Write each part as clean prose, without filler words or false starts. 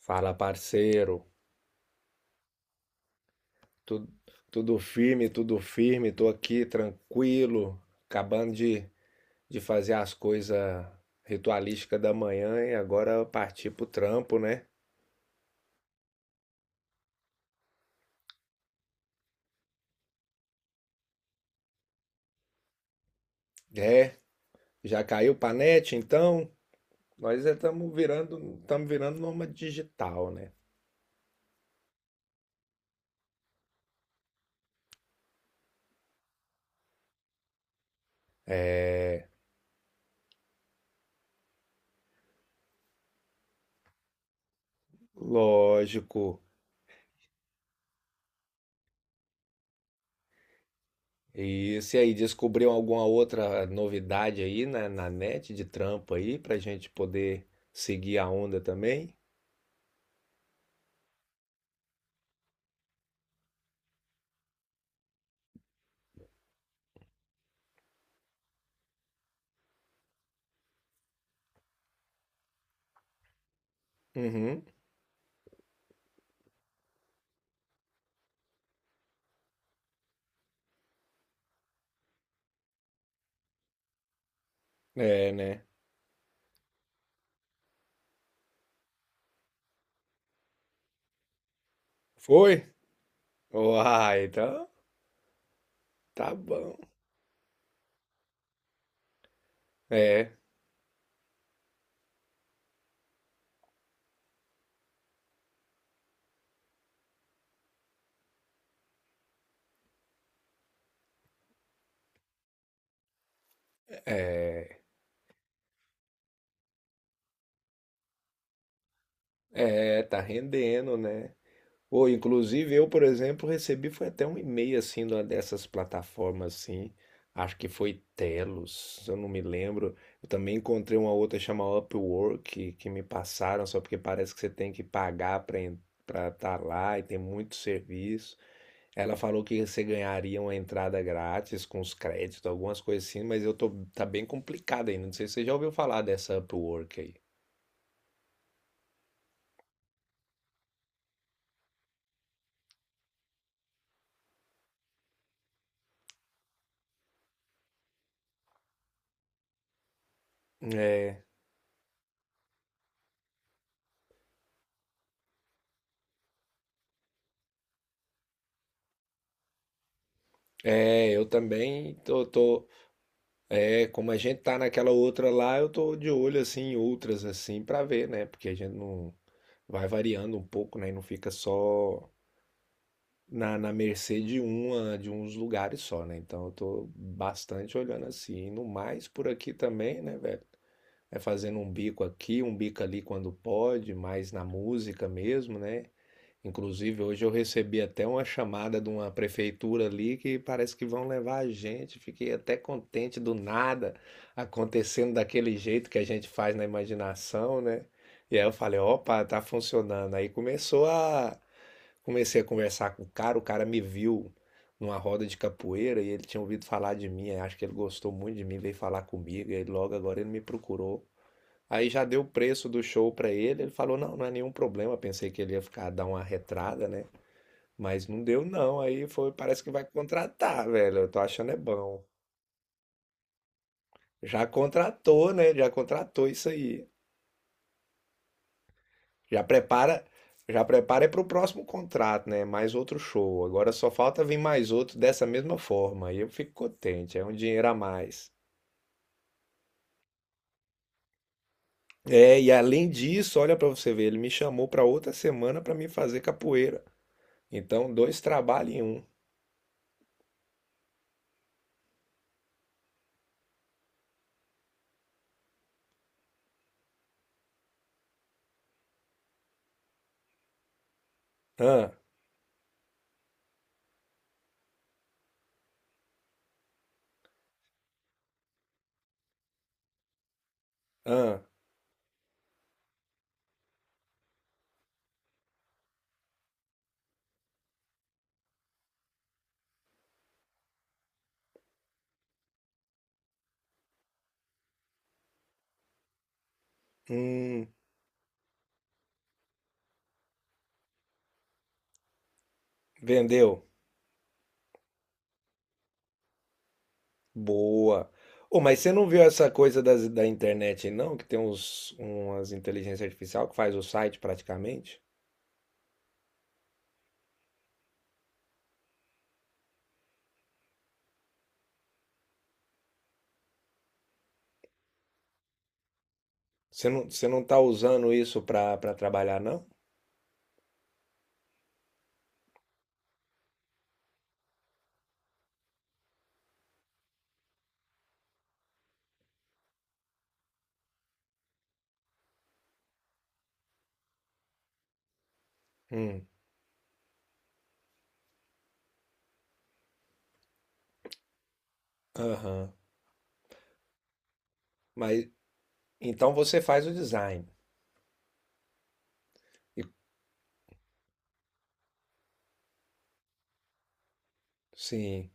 Fala, parceiro. Tu- Tudo firme, tudo firme. Tô aqui tranquilo, acabando de fazer as coisas ritualísticas da manhã e agora partir pro trampo, né? É, já caiu pra net, então? Nós estamos virando nômade digital, né? Lógico. E se aí descobriu alguma outra novidade aí na net de trampo aí pra gente poder seguir a onda também? Uhum. É, né? Foi? Uai, então tá bom. É, é, é, tá rendendo, né? Ou, inclusive, eu, por exemplo, recebi foi até um e-mail assim de uma dessas plataformas assim. Acho que foi Telos, eu não me lembro. Eu também encontrei uma outra chamada Upwork que me passaram, só porque parece que você tem que pagar para estar lá e tem muito serviço. Ela falou que você ganharia uma entrada grátis com os créditos, algumas coisas assim, mas eu tô, tá bem complicado ainda. Não sei se você já ouviu falar dessa Upwork aí. É, é, eu também é, como a gente tá naquela outra lá, eu tô de olho assim em outras assim pra ver, né? Porque a gente não vai variando um pouco, né? E não fica só na mercê de uma, de uns lugares só, né? Então eu tô bastante olhando assim, no mais por aqui também, né, velho? É fazendo um bico aqui, um bico ali quando pode, mais na música mesmo, né? Inclusive, hoje eu recebi até uma chamada de uma prefeitura ali que parece que vão levar a gente. Fiquei até contente do nada acontecendo daquele jeito que a gente faz na imaginação, né? E aí eu falei, opa, tá funcionando. Aí começou a Comecei a conversar com o cara me viu numa roda de capoeira e ele tinha ouvido falar de mim, aí acho que ele gostou muito de mim, veio falar comigo, e aí logo agora ele me procurou. Aí já deu o preço do show pra ele, ele falou: "Não, não é nenhum problema". Pensei que ele ia ficar dar uma retrada, né? Mas não deu não. Aí foi, parece que vai contratar, velho. Eu tô achando é bom. Já contratou, né? Já contratou isso aí. Já prepara, já prepara é pro próximo contrato, né? Mais outro show. Agora só falta vir mais outro dessa mesma forma. Aí eu fico contente, é um dinheiro a mais. É, e além disso, olha pra você ver, ele me chamou pra outra semana pra me fazer capoeira. Então, dois trabalhos em um. Hã? Ah, hum, vendeu. Boa. Oh, mas você não viu essa coisa da internet, não? Que tem uns, umas inteligência artificial que faz o site praticamente? Você não tá usando isso pra, pra trabalhar, não? Hum, aham. Mas então você faz o design. E- sim.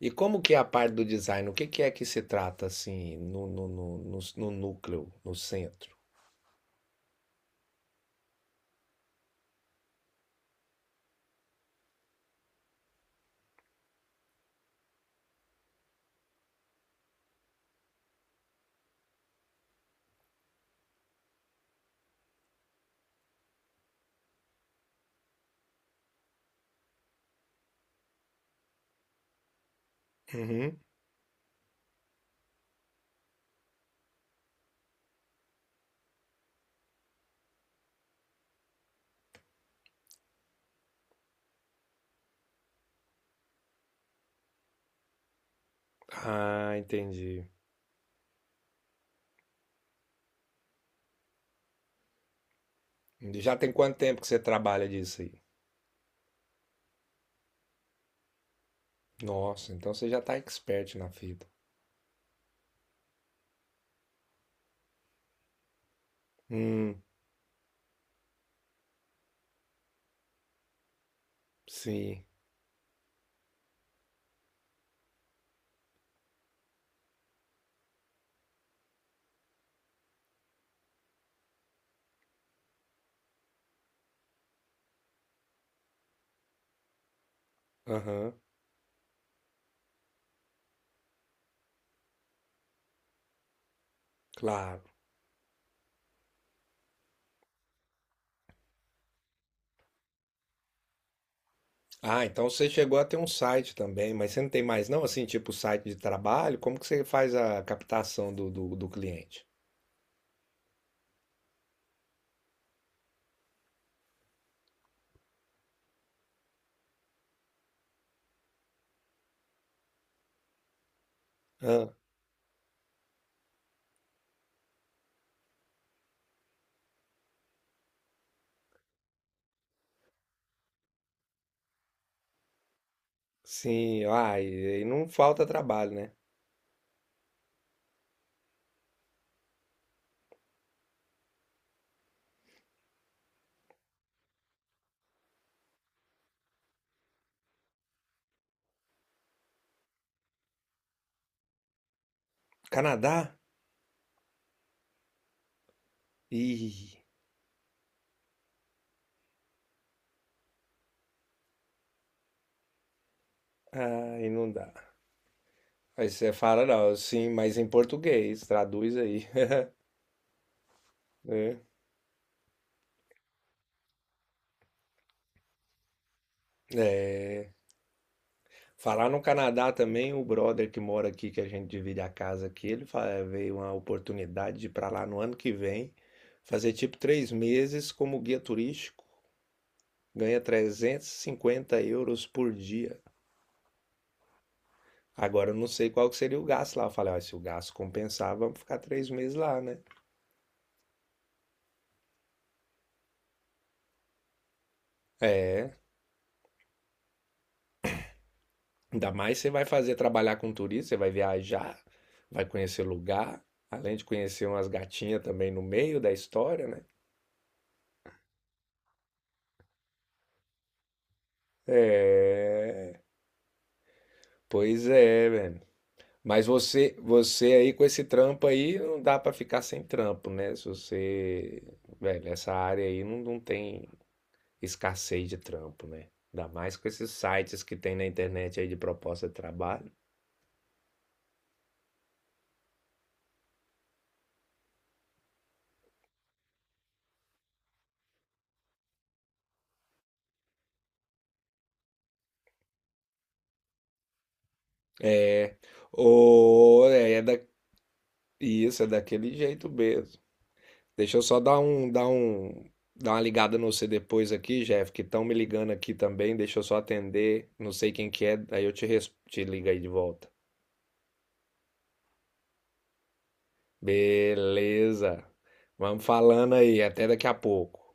E como que é a parte do design? O que que é que se trata assim no núcleo, no centro? Uhum. Ah, entendi. Já tem quanto tempo que você trabalha disso aí? Nossa, então você já tá expert na fita. Hum, sim. Aham, claro. Ah, então você chegou a ter um site também, mas você não tem mais não, assim, tipo site de trabalho? Como que você faz a captação do cliente? Ah, sim. Ah, e não falta trabalho, né? Canadá? Ih, aí não dá. Aí você fala, não, sim, mas em português, traduz aí. Falar no Canadá também, o brother que mora aqui, que a gente divide a casa aqui, veio uma oportunidade de ir para lá no ano que vem, fazer tipo 3 meses como guia turístico, ganha 350 euros por dia. Agora eu não sei qual que seria o gasto lá. Eu falei, ó, se o gasto compensar, vamos ficar 3 meses lá, né? É, ainda mais você vai fazer trabalhar com turista, você vai viajar, vai conhecer lugar, além de conhecer umas gatinhas também no meio da história, né? É, pois é, velho. Mas você aí com esse trampo aí, não dá pra ficar sem trampo, né? Se você, velho, essa área aí não, não tem escassez de trampo, né? Ainda mais com esses sites que tem na internet aí de proposta de trabalho. É, ou é é da, isso, é daquele jeito mesmo. Deixa eu só dar uma ligada no você depois aqui, Jeff, que estão me ligando aqui também. Deixa eu só atender, não sei quem que é, aí eu te, te ligo aí de volta. Beleza. Vamos falando aí. Até daqui a pouco.